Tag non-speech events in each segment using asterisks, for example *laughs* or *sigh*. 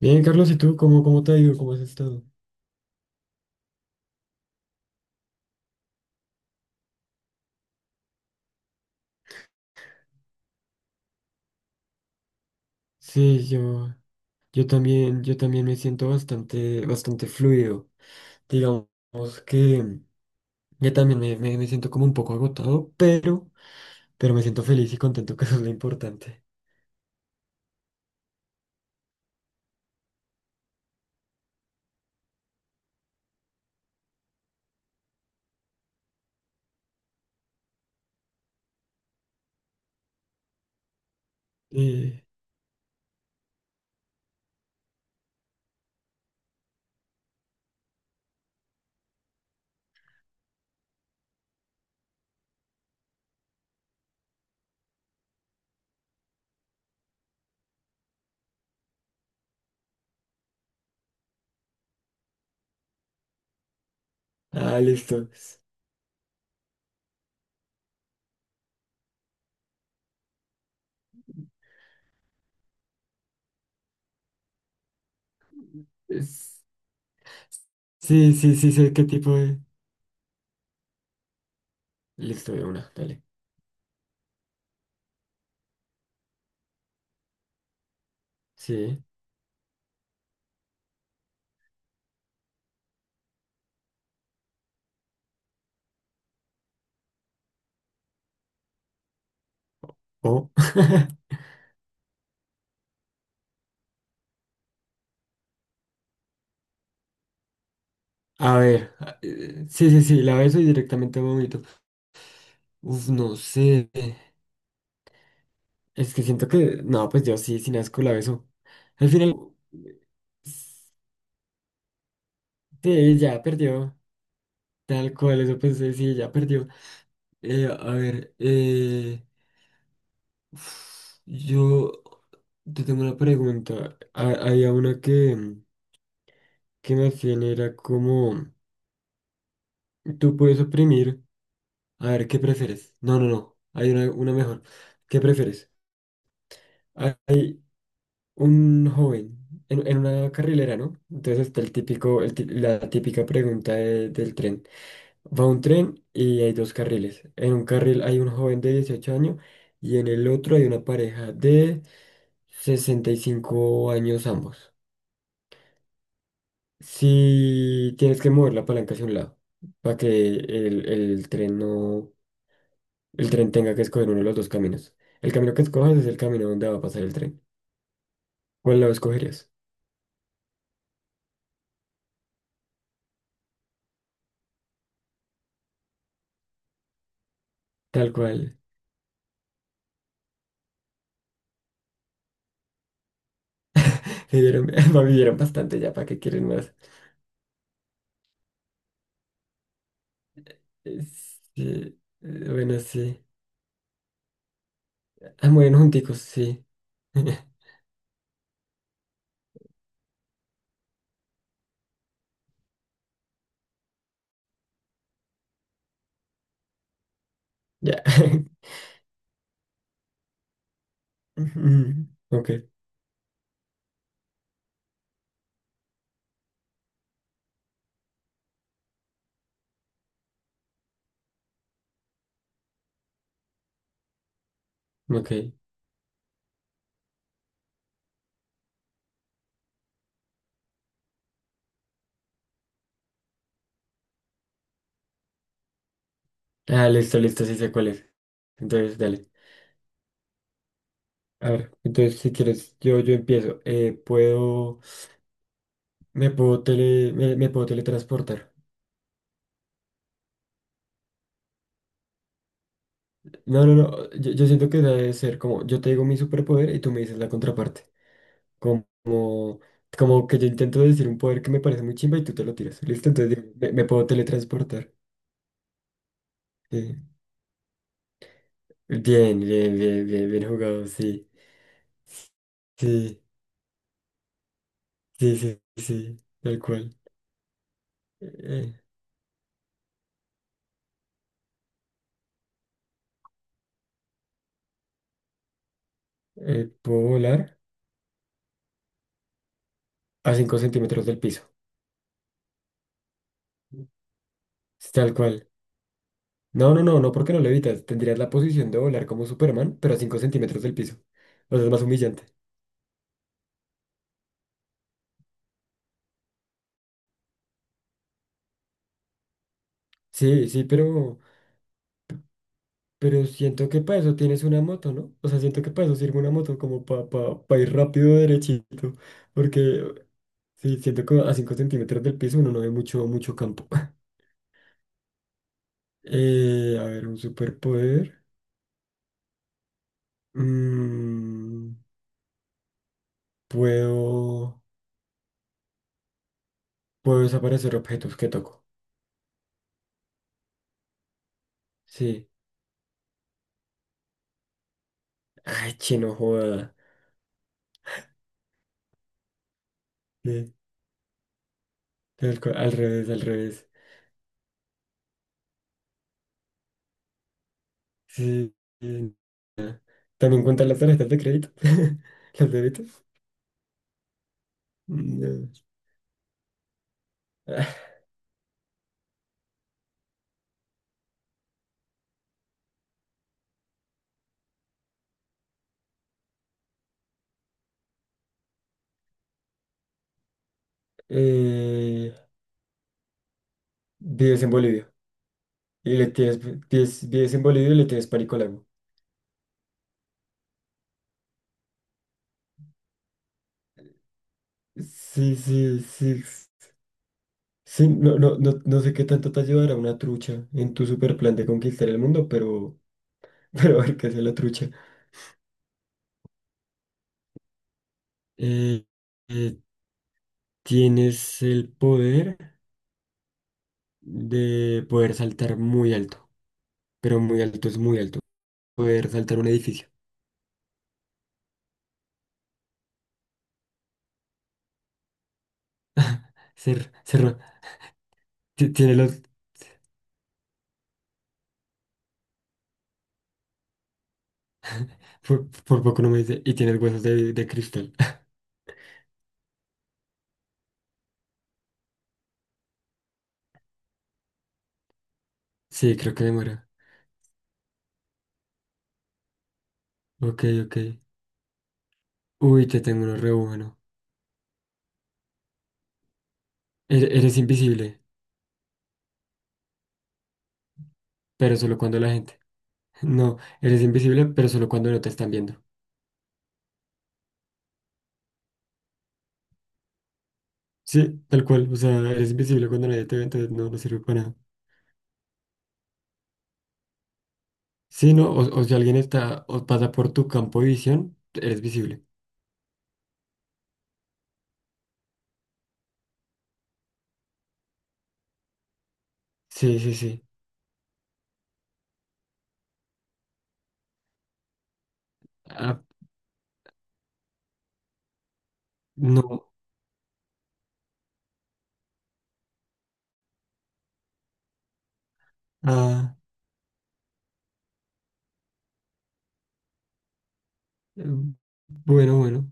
Bien, Carlos, ¿y tú cómo te ha ido? ¿Cómo has estado? Sí, yo también me siento bastante fluido. Digamos que yo también me siento como un poco agotado, pero me siento feliz y contento, *laughs* que eso es lo importante. Eh, Listo. Es- Sí, sí, sí, sé qué tipo de... Listo, de una, dale. Sí. O. *laughs* A ver. Sí, sí, sí, la beso y directamente vomito. Uf, no sé. Es que siento que, no, pues yo sí, sin asco la beso. Al final, sí, ya perdió. Tal cual, eso pensé, sí, ya perdió. Eh, a ver, eh, yo te tengo una pregunta. Había una que me hacían, era como, tú puedes oprimir. A ver, ¿qué prefieres? No, no, no, hay una mejor. ¿Qué prefieres? Hay un joven en una carrilera, ¿no? Entonces está el típico, la típica pregunta del tren. Va un tren y hay dos carriles. En un carril hay un joven de 18 años y en el otro hay una pareja de 65 años ambos. Si tienes que mover la palanca hacia un lado para que el tren no, el tren tenga que escoger uno de los dos caminos. El camino que escojas es el camino donde va a pasar el tren. ¿Cuál lado escogerías? Tal cual. Se dieron, *laughs* vivieron bastante ya, ¿para qué quieren más? Eh, Sí, bueno, sí. Ah, mueren junticos, sí. *laughs* Ya. *laughs* Ujú. Ok, ok. Ah, listo, listo, sí sé cuál es. Entonces, dale. A ver, entonces si quieres, yo empiezo. Puedo, me puedo tele, me puedo teletransportar. No, no, no. Yo siento que debe ser como, yo te digo mi superpoder y tú me dices la contraparte. Como, como que yo intento decir un poder que me parece muy chimba y tú te lo tiras. Listo, entonces digo, me puedo teletransportar. Eh, Bien, bien, bien, bien, bien jugado, sí. Sí, sí, sí, sí, tal cual. Eh, ¿Puedo volar? A cinco centímetros del piso, tal cual. No, no, no, no, porque no levitas. Tendrías la posición de volar como Superman, pero a 5 centímetros del piso. O sea, es más humillante. Sí, sí, pero siento que para eso tienes una moto, ¿no? O sea, siento que para eso sirve una moto, como para pa, pa pa ir rápido derechito. Porque sí, siento que a 5 centímetros del piso uno no ve mucho, mucho campo. *laughs* A ver, un superpoder. Mm, puedo, puedo desaparecer objetos que toco. Sí. Ay, chino, joda. Sí, tal cual, al revés, al revés. Sí, sí. También cuentan las tarjetas de crédito. *laughs* Las débitos. No. *laughs* Eh, Vives en Bolivia y le tienes, vives en Bolivia y le tienes pánico al agua. Sí, sí, sí. Sí, no, no, no, no sé qué tanto te ayudará una trucha en tu super plan de conquistar el mundo, pero, *laughs* pero a ver qué hace la trucha. Eh, eh, Tienes el poder de poder saltar muy alto, pero muy alto es muy alto. Poder saltar un edificio. Ser, ser, ti- tiene los, por poco no me dice, y tiene los huesos de cristal. *laughs* Sí, creo que demora. Ok, ok. Uy, te tengo uno re bueno. Eres invisible, pero solo cuando la gente. *laughs* No, eres invisible, pero solo cuando no te están viendo. Sí, tal cual. O sea, eres invisible cuando nadie te ve, entonces no, no sirve para nada. Sí, no, o si alguien está o pasa por tu campo de visión, eres visible. Sí, sí, sí. Ah, no. Ah, mm, bueno, bueno.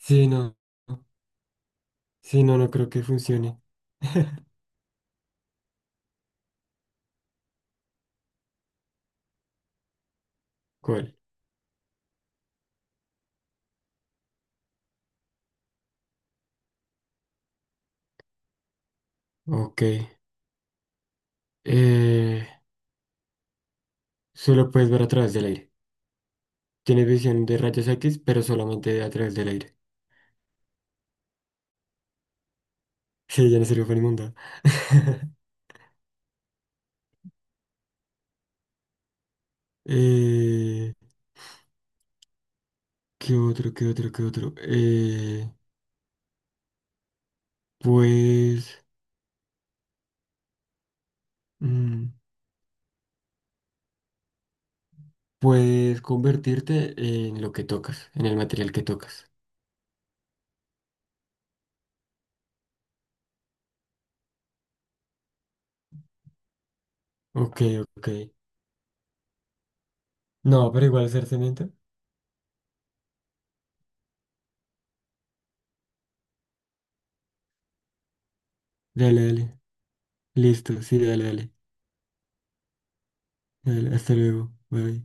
Sí, no. No. Sí, no, no creo que funcione. ¿Cuál? Ok. Eh, solo puedes ver a través del aire. Tiene visión de rayos X, pero solamente a través del aire. *laughs* Sí, ya no sirve para inmunda. *laughs* Eh, ¿qué otro, qué otro, qué otro? Pues mm, puedes convertirte en lo que tocas, en el material que tocas. Ok, ok. No, pero igual hacer cemento. Dale, dale. Listo, sí, dale, dale. Dale, hasta luego. Bye.